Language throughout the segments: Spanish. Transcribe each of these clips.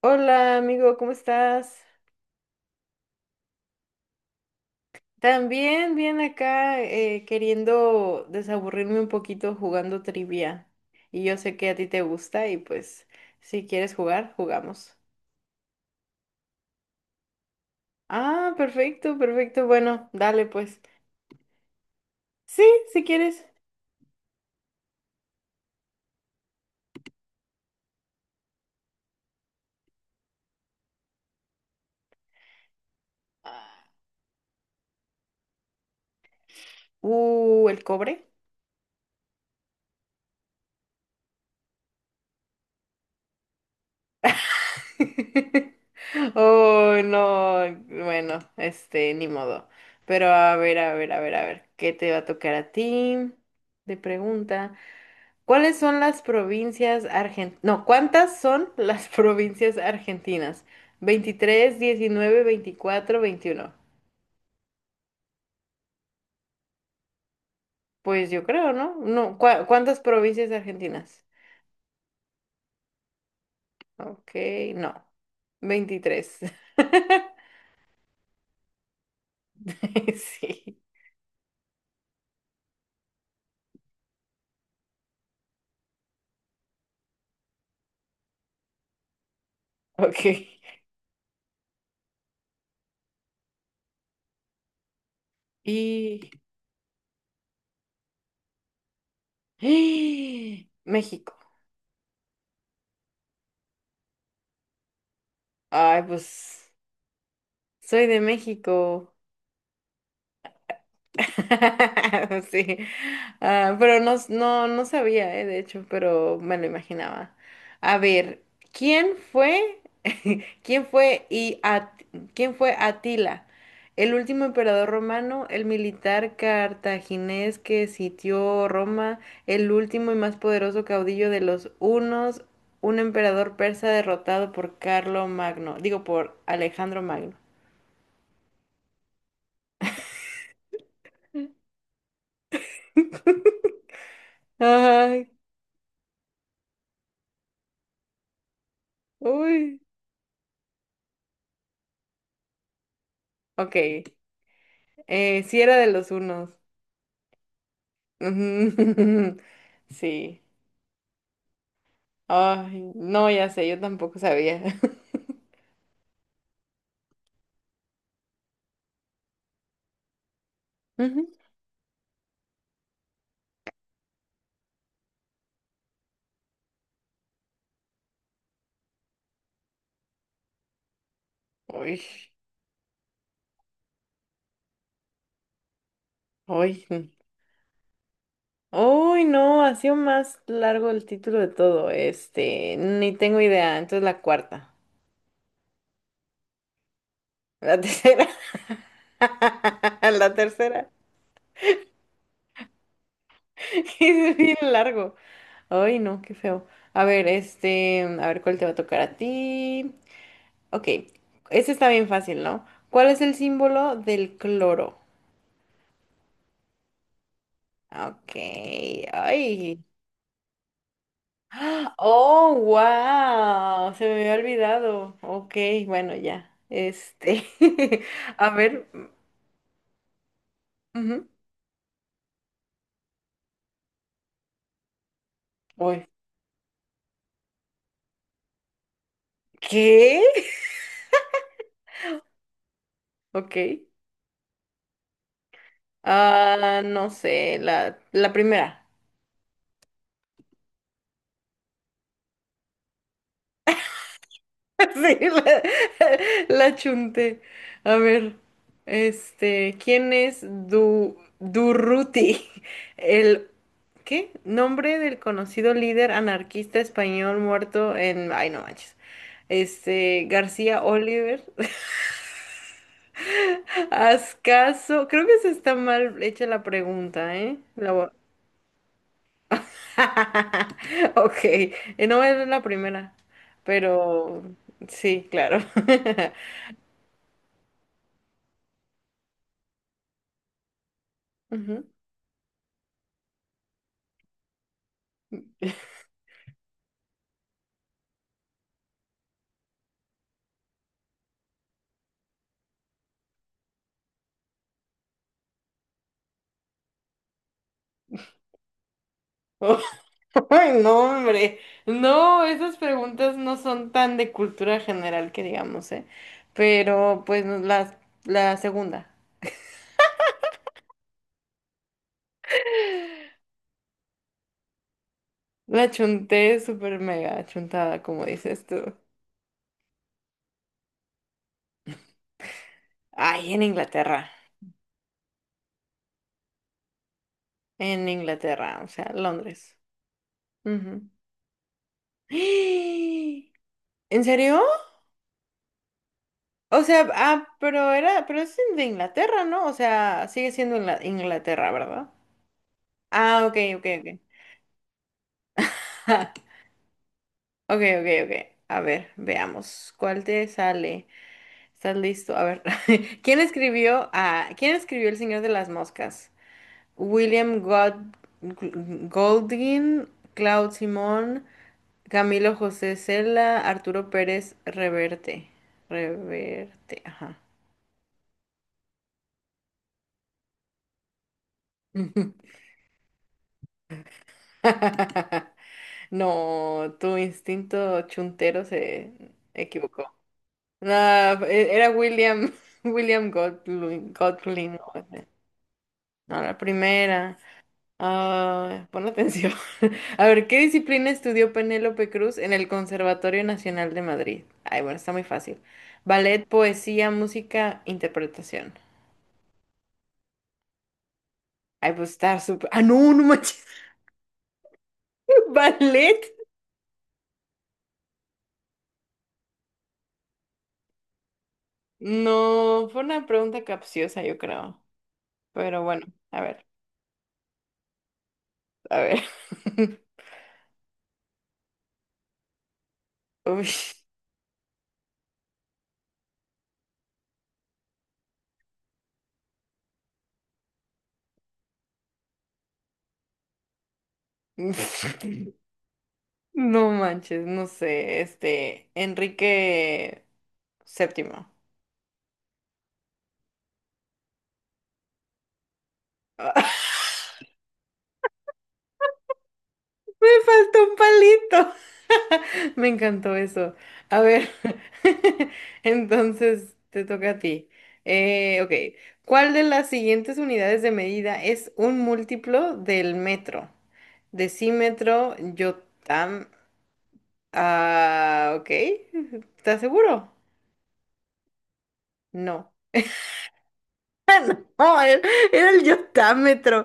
Hola amigo, ¿cómo estás? También bien acá queriendo desaburrirme un poquito jugando trivia. Y yo sé que a ti te gusta y pues si quieres jugar, jugamos. Ah, perfecto, perfecto. Bueno, dale pues. Sí, si quieres. El cobre. Oh, no. Bueno, este, ni modo. Pero a ver, a ver, a ver, a ver. ¿Qué te va a tocar a ti? De pregunta. ¿Cuáles son las provincias argentinas? No, ¿cuántas son las provincias argentinas? 23, 19, 24, 21. Pues yo creo, ¿no? No, ¿cuántas provincias argentinas? Ok, no, 23. Sí, ok. Y México. Ay, pues soy de México. Sí, ah, pero no, no, no sabía, de hecho, pero me lo imaginaba. A ver, ¿quién fue, quién fue y At- quién fue Atila, el último emperador romano, el militar cartaginés que sitió Roma, el último y más poderoso caudillo de los hunos, un emperador persa derrotado por Carlo Magno, digo por Alejandro Magno? Ay, uy, ok. Sí era de los unos. Ujú. Sí. Ay, no, ya sé, yo tampoco sabía. Ujú. Uy, uy. Uy, no, ha sido más largo el título de todo. Este, ni tengo idea. Entonces la cuarta. La tercera. La tercera. Es bien largo. Ay, no, qué feo. A ver, este, a ver cuál te va a tocar a ti. Ok, este está bien fácil, ¿no? ¿Cuál es el símbolo del cloro? Ok, ay. ¡Ah! Oh, wow, se me había olvidado. Ok, bueno, ya. Este, a ver, ujú. Uy, ¿qué? Ok. Ah, no sé, la primera. Sí, la chunté. A ver, este, ¿quién es Durruti? El, ¿qué? Nombre del conocido líder anarquista español muerto en, ay, no manches, este, García Oliver. Haz creo que se está mal hecha la pregunta, ¿eh? Ok, no es la primera, pero sí, claro. Ujú. Ay, no, hombre. No, esas preguntas no son tan de cultura general que digamos, ¿eh? Pero pues no, la segunda. La chunté súper mega chuntada, como dices tú. Ay, en Inglaterra. En Inglaterra, o sea, Londres. Ujú. ¿En serio? O sea, ah, pero es de Inglaterra, ¿no? O sea, sigue siendo Inglaterra, ¿verdad? Ah, ok, ok, ok. Ok, ok, ok. A ver, veamos. ¿Cuál te sale? ¿Estás listo? A ver. ¿Quién escribió El Señor de las Moscas? William God- Goldwyn, Claude Simón, Camilo José Cela, Arturo Pérez Reverte. Reverte, ajá. No, tu instinto chuntero se equivocó. No, era William, William Godwin, Godwin. ¿No? No, la primera. Ah, pon atención. A ver, ¿qué disciplina estudió Penélope Cruz en el Conservatorio Nacional de Madrid? Ay, bueno, está muy fácil. Ballet, poesía, música, interpretación. Ay, pues está súper. Ah, no, no manches. ¿Ballet? No, fue una pregunta capciosa, yo creo. Pero bueno, a ver, a ver. Uy. No manches, no sé. Este, Enrique Séptimo. Falta un palito. Me encantó eso. A ver, entonces te toca a ti. Ok, ¿cuál de las siguientes unidades de medida es un múltiplo del metro? Decímetro, yotam... Ah, ok, ¿estás seguro? No. Oh, era el yotámetro.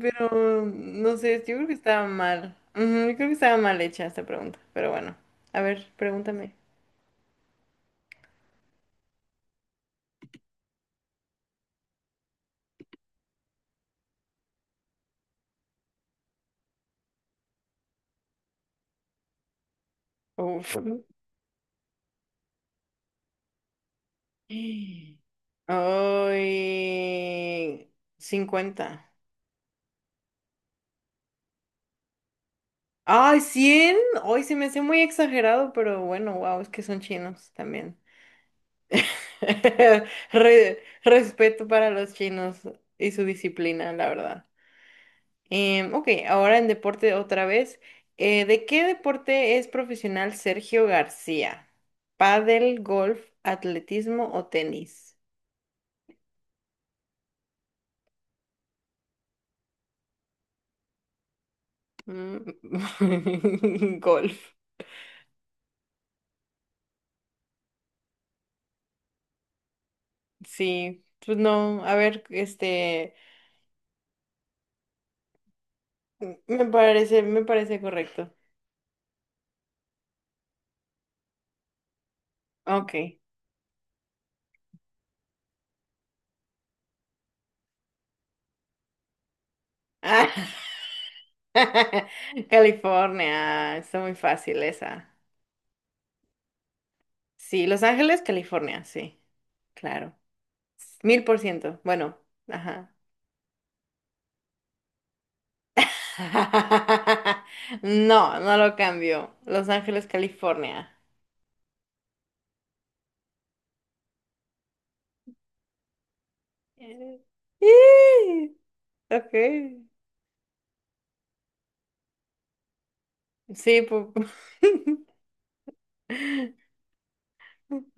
Pero no sé, yo creo que estaba mal. Ujú, yo creo que estaba mal hecha esta pregunta. Pero bueno, a ver, pregúntame. Uf. ¡Ay, 50! ¡Ay, 100! Ay, se me hace muy exagerado, pero bueno, wow, es que son chinos también. Re- respeto para los chinos y su disciplina, la verdad. Ok, ahora en deporte otra vez. ¿De qué deporte es profesional Sergio García? ¿Pádel, golf, atletismo o tenis? Golf. Sí, pues no, a ver, este, me parece correcto. Ok. Ah, California, está muy fácil esa. Sí, Los Ángeles, California, sí, claro. 1000%, bueno, ajá. No, no lo cambio. Los Ángeles, California. Eh, ¡Ih! Ok. Sí, pues.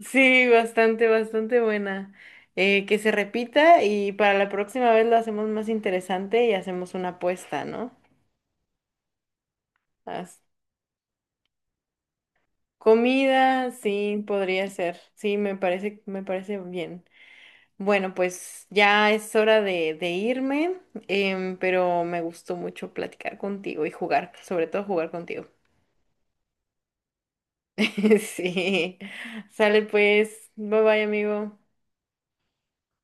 Sí, bastante, bastante buena. Que se repita y para la próxima vez lo hacemos más interesante y hacemos una apuesta, ¿no? Haz- comida, sí, podría ser. Sí, me parece bien. Bueno, pues ya es hora de, irme, pero me gustó mucho platicar contigo y jugar, sobre todo jugar contigo. Sí. Sale pues. Bye bye, amigo.